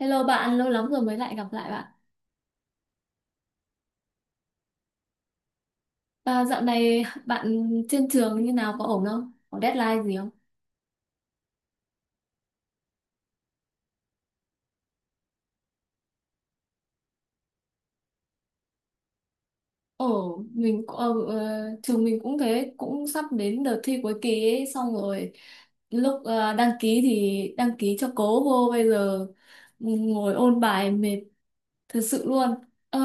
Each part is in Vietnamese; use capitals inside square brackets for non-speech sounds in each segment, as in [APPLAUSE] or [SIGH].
Hello bạn, lâu lắm rồi mới lại gặp lại bạn. À, dạo này bạn trên trường như nào có ổn không? Có deadline gì không? Ổn, mình cũng- ờ, ờ, trường mình cũng thế, cũng sắp đến đợt thi cuối kỳ ấy, xong rồi lúc đăng ký thì đăng ký cho cố vô bây giờ ngồi ôn bài mệt thật sự luôn. Ờ,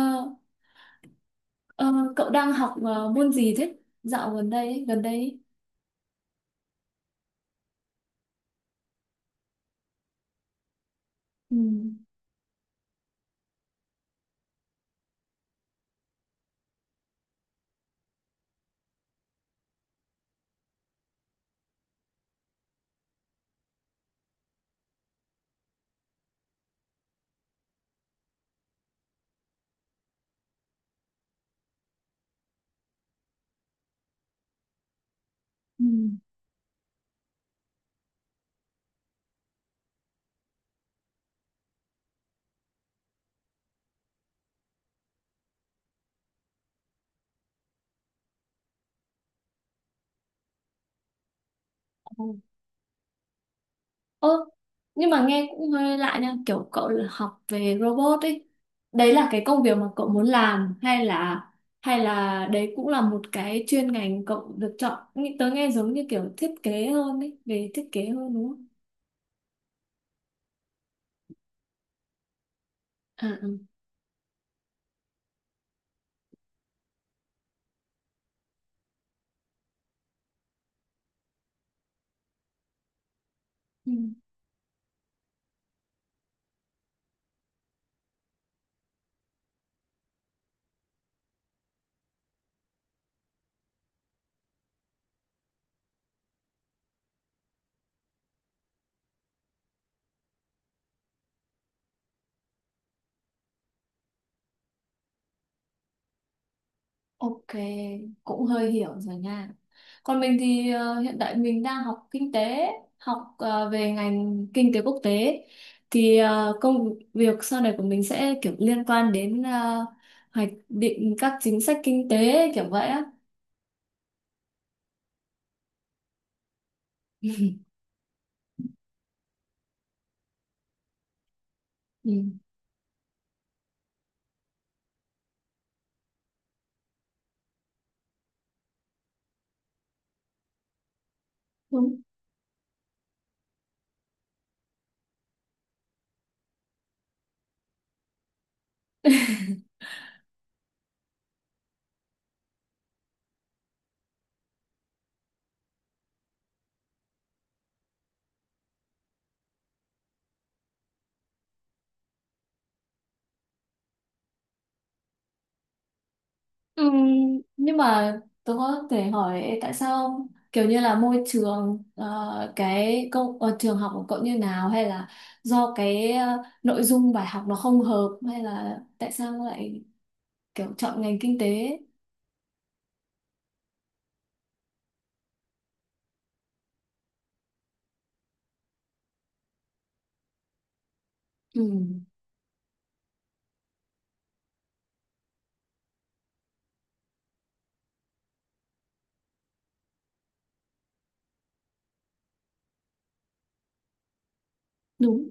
ờ, Cậu đang học môn gì thế? Dạo gần đây ấy, gần đây, ấy. Ừ. Ừ. Ơ, nhưng mà nghe cũng hơi lạ nha, kiểu cậu là học về robot ấy. Đấy là cái công việc mà cậu muốn làm hay là đấy cũng là một cái chuyên ngành cậu được chọn. Tớ nghe giống như kiểu thiết kế hơn ấy, về thiết kế hơn đúng không? À, ừ. Ok, cũng hơi hiểu rồi nha. Còn mình thì hiện tại mình đang học kinh tế, học về ngành kinh tế quốc tế. Thì công việc sau này của mình sẽ kiểu liên quan đến hoạch định các chính sách kinh tế kiểu vậy á. [LAUGHS] Ừ, đúng. Ừm, nhưng mà tôi có thể hỏi tại sao kiểu như là môi trường trường học của cậu như nào hay là do cái nội dung bài học nó không hợp hay là tại sao lại kiểu chọn ngành kinh tế? Ừ, đúng.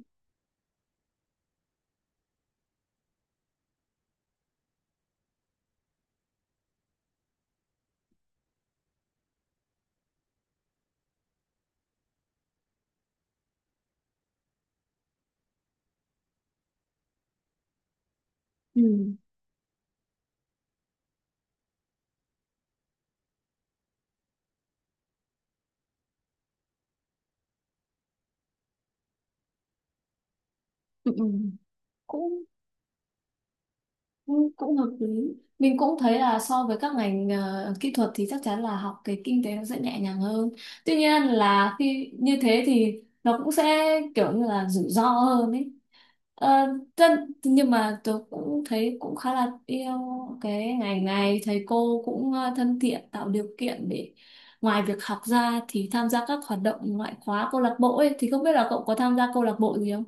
Ừ. Ừ. Ừ. Cũng cũng cũng hợp lý, mình cũng thấy là so với các ngành kỹ thuật thì chắc chắn là học cái kinh tế nó sẽ nhẹ nhàng hơn, tuy nhiên là khi như thế thì nó cũng sẽ kiểu như là rủi ro hơn ấy. Ờ, nhưng mà tôi cũng thấy cũng khá là yêu cái ngành này, thầy cô cũng thân thiện, tạo điều kiện để ngoài việc học ra thì tham gia các hoạt động ngoại khóa câu lạc bộ ấy, thì không biết là cậu có tham gia câu lạc bộ gì không?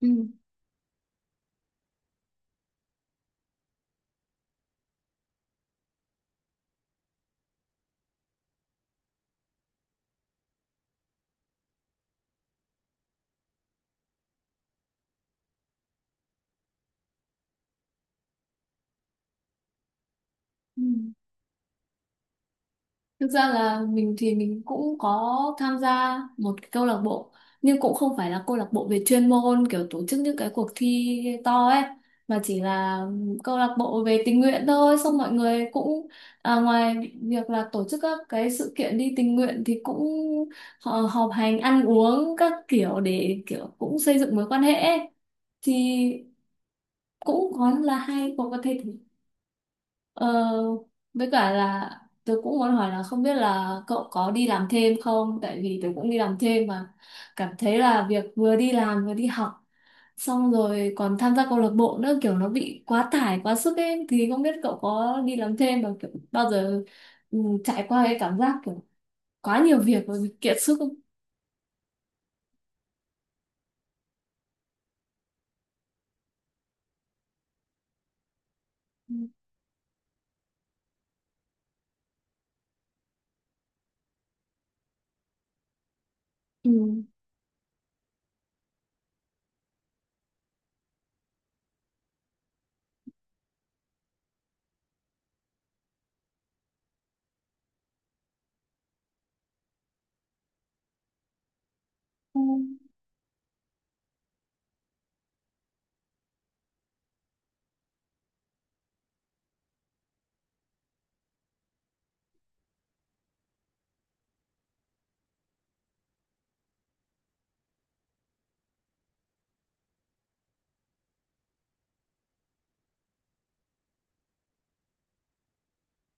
Ừ. Ừ. Thực ra là mình thì mình cũng có tham gia một cái câu lạc bộ, nhưng cũng không phải là câu lạc bộ về chuyên môn kiểu tổ chức những cái cuộc thi to ấy, mà chỉ là câu lạc bộ về tình nguyện thôi, xong mọi người cũng ngoài việc là tổ chức các cái sự kiện đi tình nguyện thì cũng họ họp hành ăn uống các kiểu để kiểu cũng xây dựng mối quan hệ ấy. Thì cũng có là hay có thể. Ờ, với cả là tôi cũng muốn hỏi là không biết là cậu có đi làm thêm không? Tại vì tôi cũng đi làm thêm mà cảm thấy là việc vừa đi làm vừa đi học xong rồi còn tham gia câu lạc bộ nữa kiểu nó bị quá tải, quá sức ấy, thì không biết cậu có đi làm thêm và kiểu bao giờ ừ, trải qua cái cảm giác kiểu quá nhiều việc và bị kiệt sức không? Ừ. Ừ.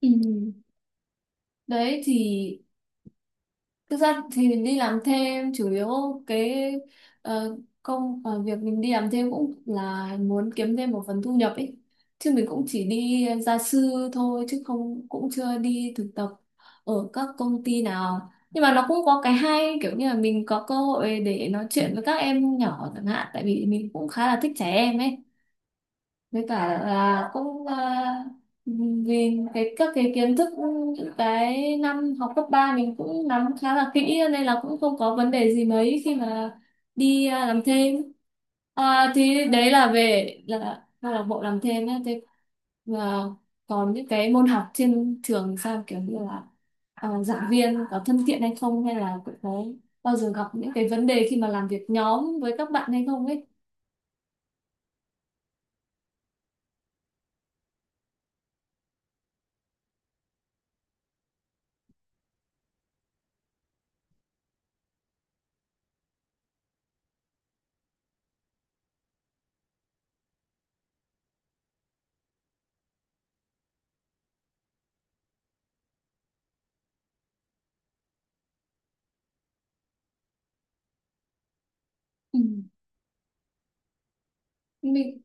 Ừ. Đấy thì. Thực ra thì mình đi làm thêm chủ yếu cái ờ, việc mình đi làm thêm cũng là muốn kiếm thêm một phần thu nhập ấy. Chứ mình cũng chỉ đi gia sư thôi chứ không, cũng chưa đi thực tập ở các công ty nào. Nhưng mà nó cũng có cái hay kiểu như là mình có cơ hội để nói chuyện với các em nhỏ chẳng hạn, tại vì mình cũng khá là thích trẻ em ấy, với cả là cũng vì cái các cái kiến thức những cái năm học cấp 3 mình cũng nắm khá là kỹ nên là cũng không có vấn đề gì mấy khi mà đi làm thêm. Thì đấy là về là câu lạc bộ làm thêm nhé, thế và còn những cái môn học trên trường sao kiểu như là giảng viên có thân thiện hay không, hay là cũng có bao giờ gặp những cái vấn đề khi mà làm việc nhóm với các bạn hay không ấy? Ừ. Mình.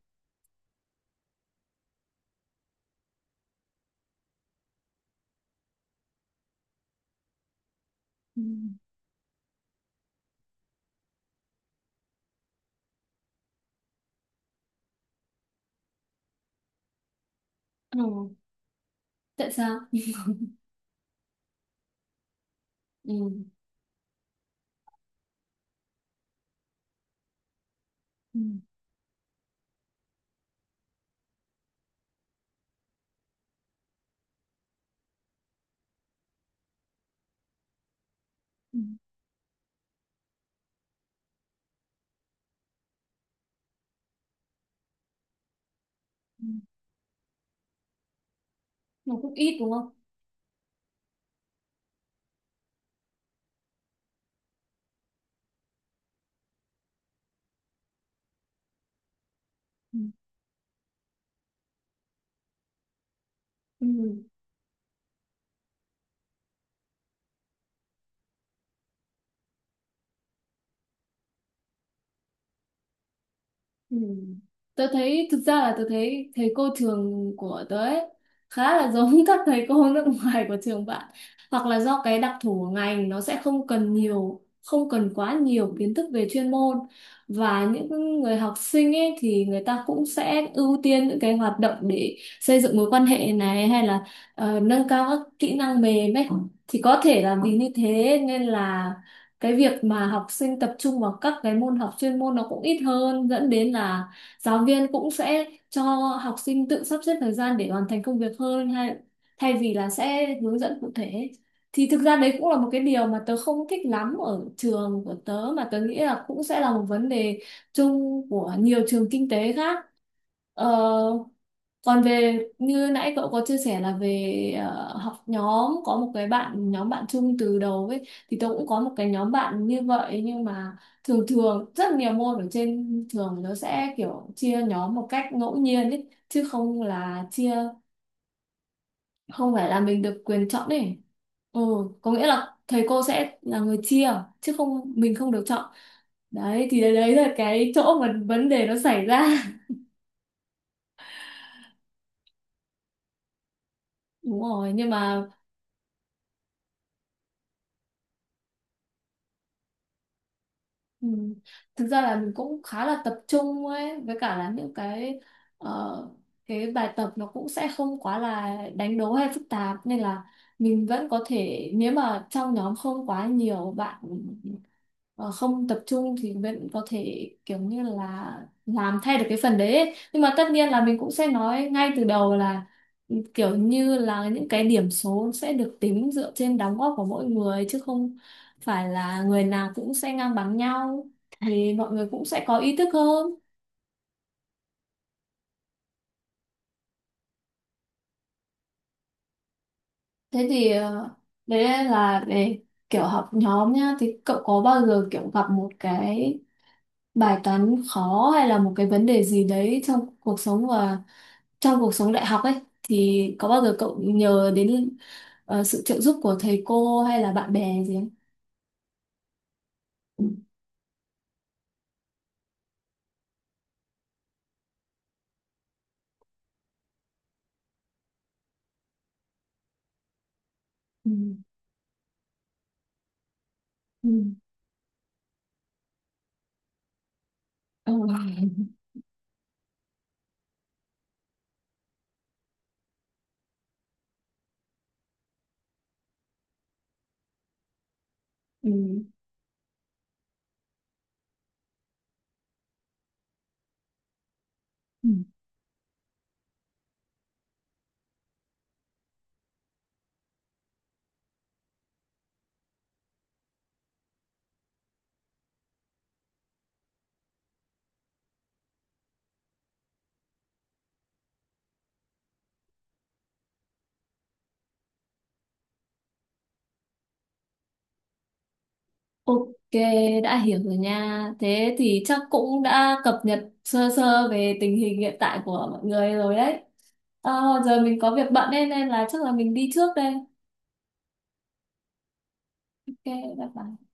Mình. Ừ. Tại sao? [LAUGHS] Ừ. Ừ. Ừ. Ừ. Nó cũng ít đúng không? Ừ. Ừ. Ừ. Tớ thấy, thực ra là tớ thấy thầy cô trường của tớ ấy khá là giống [LAUGHS] các thầy cô nước ngoài của trường bạn, hoặc là do cái đặc thù của ngành nó sẽ không cần nhiều, không cần quá nhiều kiến thức về chuyên môn, và những người học sinh ấy thì người ta cũng sẽ ưu tiên những cái hoạt động để xây dựng mối quan hệ này, hay là nâng cao các kỹ năng mềm ấy, thì có thể là vì như thế nên là cái việc mà học sinh tập trung vào các cái môn học chuyên môn nó cũng ít hơn, dẫn đến là giáo viên cũng sẽ cho học sinh tự sắp xếp thời gian để hoàn thành công việc hơn, hay thay vì là sẽ hướng dẫn cụ thể, thì thực ra đấy cũng là một cái điều mà tớ không thích lắm ở trường của tớ mà tớ nghĩ là cũng sẽ là một vấn đề chung của nhiều trường kinh tế khác. Ờ, Còn về như nãy cậu có chia sẻ là về học nhóm, có một cái bạn, nhóm bạn chung từ đầu ấy, thì tôi cũng có một cái nhóm bạn như vậy, nhưng mà thường thường rất nhiều môn ở trên trường nó sẽ kiểu chia nhóm một cách ngẫu nhiên ấy, chứ không là chia, không phải là mình được quyền chọn ấy. Ừ, có nghĩa là thầy cô sẽ là người chia chứ không, mình không được chọn. Đấy thì đấy đấy là cái chỗ mà vấn đề nó xảy ra. [LAUGHS] Đúng rồi, nhưng mà. Ừ. Thực ra là mình cũng khá là tập trung ấy, với cả là những cái ờ, cái bài tập nó cũng sẽ không quá là đánh đố hay phức tạp, nên là mình vẫn có thể, nếu mà trong nhóm không quá nhiều bạn ờ, không tập trung thì vẫn có thể kiểu như là làm thay được cái phần đấy ấy. Nhưng mà tất nhiên là mình cũng sẽ nói ngay từ đầu là kiểu như là những cái điểm số sẽ được tính dựa trên đóng góp của mỗi người, chứ không phải là người nào cũng sẽ ngang bằng nhau, thì mọi người cũng sẽ có ý thức hơn. Thế thì đấy là về kiểu học nhóm nhá, thì cậu có bao giờ kiểu gặp một cái bài toán khó hay là một cái vấn đề gì đấy trong cuộc sống, và trong cuộc sống đại học ấy, thì có bao giờ cậu nhờ đến sự trợ giúp của thầy cô hay là bạn bè gì không? Ừ. Ừ. Ừ. Ừ. Ừ. Ok, đã hiểu rồi nha. Thế thì chắc cũng đã cập nhật sơ sơ về tình hình hiện tại của mọi người rồi đấy. Giờ mình có việc bận nên là chắc là mình đi trước đây. Ok, bye bye.